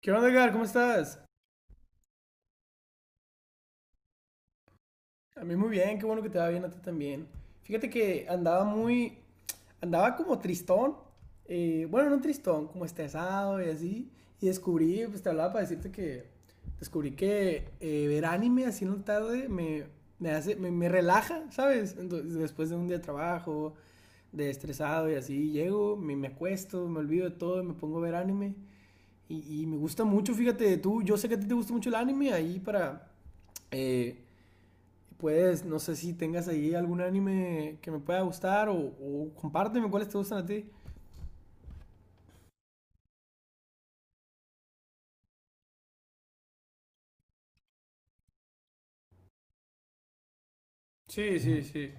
¿Qué onda, Edgar? ¿Cómo estás? A mí muy bien, qué bueno que te va bien a ti también. Fíjate que andaba andaba como tristón, bueno, no tristón, como estresado y así, y descubrí, pues te hablaba para decirte que descubrí que ver anime así en la tarde me hace, me relaja, ¿sabes? Entonces, después de un día de trabajo, de estresado y así, llego, me acuesto, me olvido de todo y me pongo a ver anime. Y me gusta mucho, fíjate, tú, yo sé que a ti te gusta mucho el anime, eh, pues, no sé si tengas ahí algún anime que me pueda gustar o compárteme cuáles te gustan a ti. Sí, sí, sí.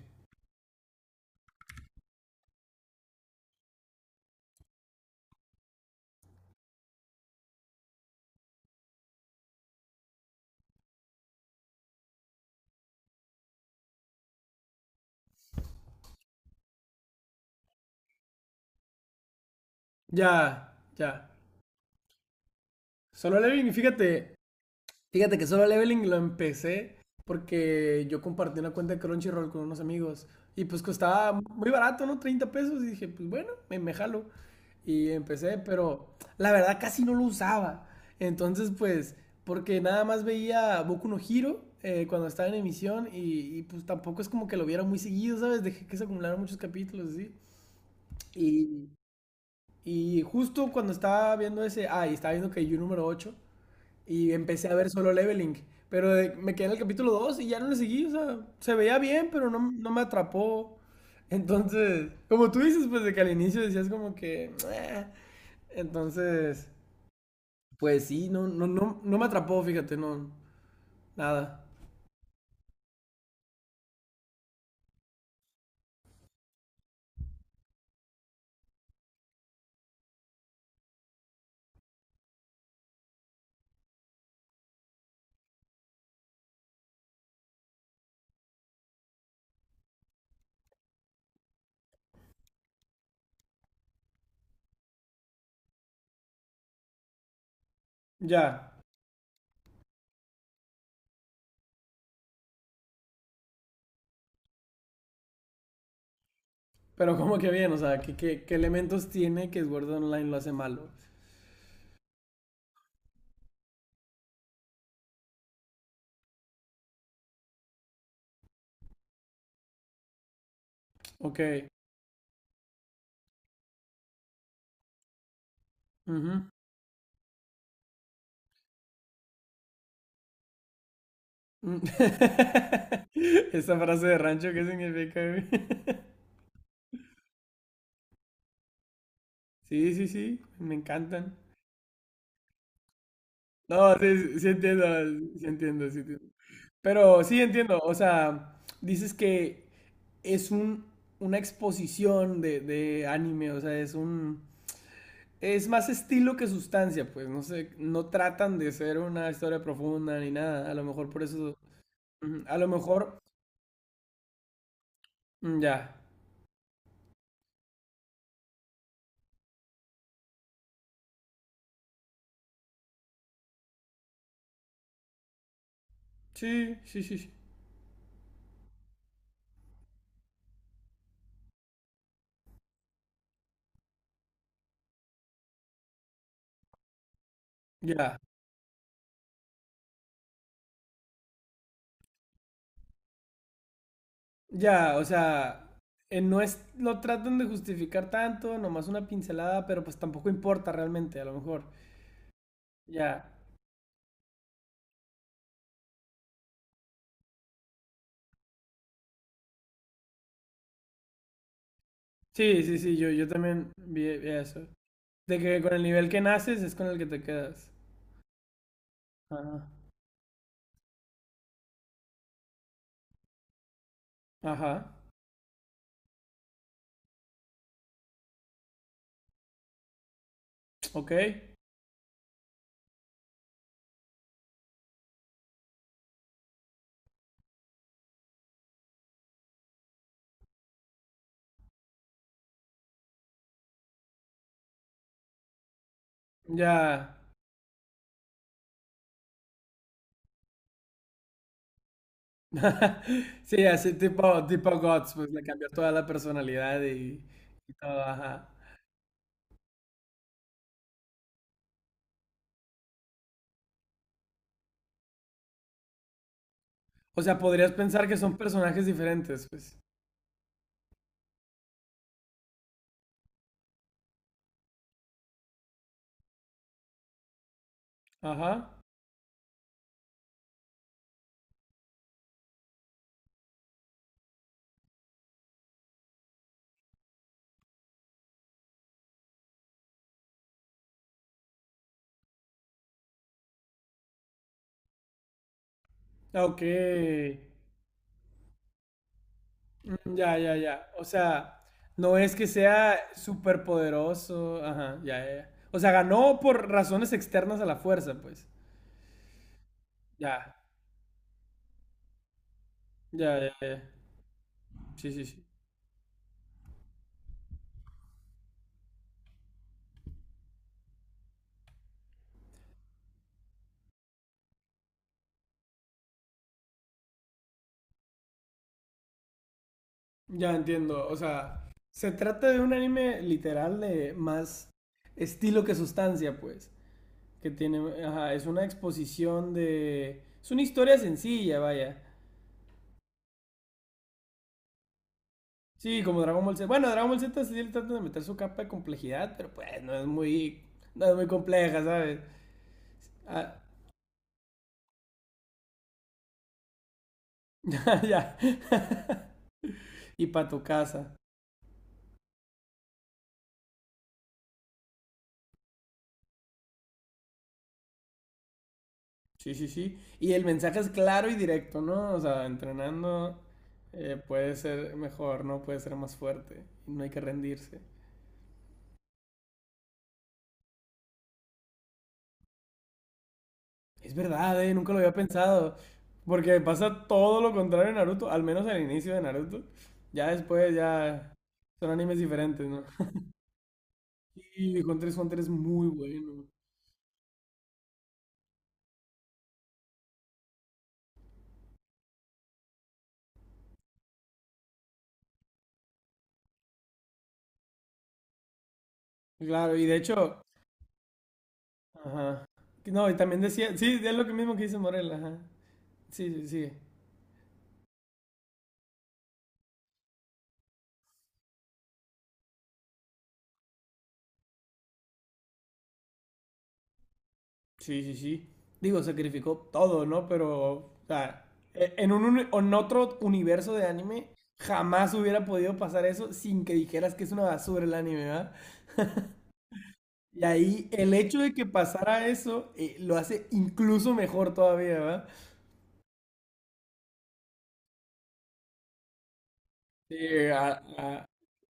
Ya, ya. Solo Levin, y fíjate, Fíjate que solo leveling lo empecé porque yo compartí una cuenta de Crunchyroll con unos amigos y pues costaba muy barato, ¿no? 30 pesos y dije, pues bueno, me jalo. Y empecé, pero la verdad casi no lo usaba. Entonces pues, porque nada más veía Boku no Hero cuando estaba en emisión y, pues tampoco es como que lo viera muy seguido, ¿sabes? Dejé que se acumularan muchos capítulos, así. Y, y justo cuando estaba viendo ese, ah, y estaba viendo que yo número 8. Y empecé a ver solo Leveling. Pero me quedé en el capítulo 2 y ya no le seguí. O sea, se veía bien, pero no, no me atrapó. Entonces, como tú dices, pues de que al inicio decías como que... "Meh". Entonces, pues sí, no, no, no, no me atrapó, fíjate, no, nada. Ya, pero como que bien, o sea, ¿qué elementos tiene que Sword Art Online lo hace malo? Ok. Ujú. Mm. Esa frase de rancho, ¿qué significa, güey? Sí, sí, sí, me encantan. No, sí, sí entiendo, sí entiendo, sí entiendo. Pero sí entiendo, o sea, dices que es un, una exposición de anime, o sea, es un... Es más estilo que sustancia, pues, no sé, no tratan de ser una historia profunda ni nada, a lo mejor por eso... Ujú, a lo mejor... Mm, ya. Sí, sí, sí, sí. Ya. Ya, o sea, no es... Lo tratan de justificar tanto, nomás una pincelada, pero pues tampoco importa realmente, a lo mejor. Ya. Sí, sí, sí, yo también vi eso. De que con el nivel que naces es con el que te quedas. Ajá. Ajá. Ok. Ya. Sí, así tipo, tipo Guts, pues le cambió toda la personalidad y todo, ajá. O sea, podrías pensar que son personajes diferentes, pues. Ajá. Ok. Mm, ya, ya, ya. O sea, no es que sea súper poderoso. Ajá, ya, ya, ya. O sea, ganó por razones externas a la fuerza, pues. Ya. Ya, ya, ya. Sí, sí, sí. Ya entiendo, o sea, se trata de un anime literal de más estilo que sustancia, pues, que tiene, ajá, es una exposición de, es una historia sencilla, vaya. Sí, como Dragon Ball Z. Bueno, Dragon Ball Z sí le trata de meter su capa de complejidad, pero pues no es muy, no es muy compleja, ¿sabes? Ah, ya, ya. Y para tu casa. Sí, sí, sí. Y el mensaje es claro y directo, ¿no? O sea, entrenando puede ser mejor, ¿no? Puede ser más fuerte. No hay que rendirse. Es verdad, ¿eh? Nunca lo había pensado. Porque pasa todo lo contrario en Naruto, al menos al inicio de Naruto. Ya después ya son animes diferentes, ¿no? Y Hunter x Hunter es muy bueno. Claro, y de hecho, ajá. No, y también decía, sí, es lo que mismo que dice Morel, ajá. Sí, sí, sigue. Sí, sí, sí. Digo, sacrificó todo, ¿no? Pero, o sea, en otro universo de anime, jamás hubiera podido pasar eso sin que dijeras que es una basura el anime, ¿verdad? Y ahí el hecho de que pasara eso lo hace incluso mejor todavía, ¿verdad? Sí, a- a-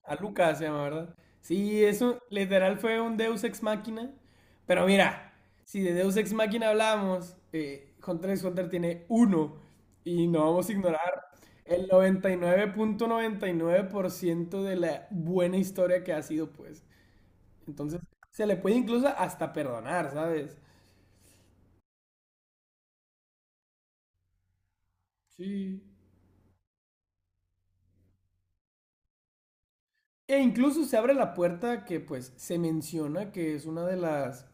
A Lucas se llama, ¿verdad? Sí, eso literal fue un Deus Ex Machina. Pero mira, si de Deus Ex Machina hablamos, Hunter x Hunter tiene uno. Y no vamos a ignorar el 99.99% de la buena historia que ha sido, pues. Entonces, se le puede incluso hasta perdonar, ¿sabes? Sí. E incluso se abre la puerta que, pues, se menciona que es una de las,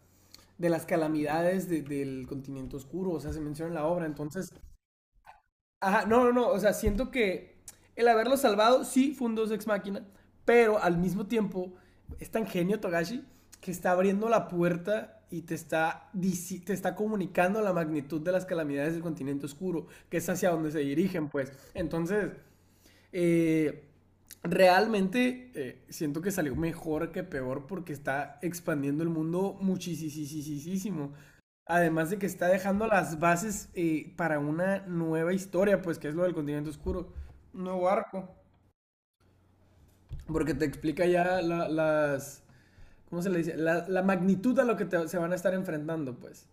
de las calamidades del continente oscuro. O sea, se menciona en la obra. Entonces, ajá, no, no, no. O sea, siento que el haberlo salvado sí fue un dos ex máquina, pero al mismo tiempo es tan genio Togashi que está abriendo la puerta y te está, te está comunicando la magnitud de las calamidades del continente oscuro, que es hacia donde se dirigen, pues. Entonces, eh, realmente siento que salió mejor que peor porque está expandiendo el mundo muchísimo. Además de que está dejando las bases para una nueva historia, pues que es lo del continente oscuro. Un nuevo arco. Porque te explica ya ¿Cómo se le dice? La magnitud a lo que se van a estar enfrentando, pues.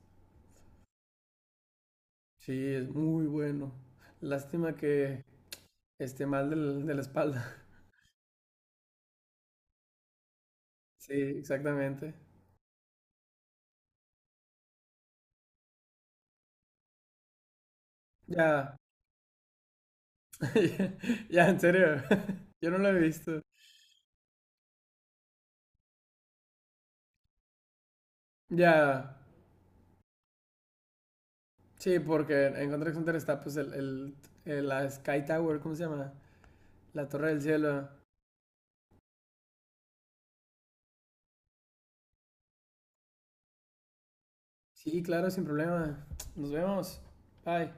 Sí, es muy bueno. Lástima que esté mal de la espalda. Sí, exactamente. Ya, ya, en serio. Yo no lo he visto. Ya, sí, porque en Contra Hunter está pues el, la Sky Tower, ¿cómo se llama? La Torre del Cielo. Sí, claro, sin problema. Nos vemos. Bye.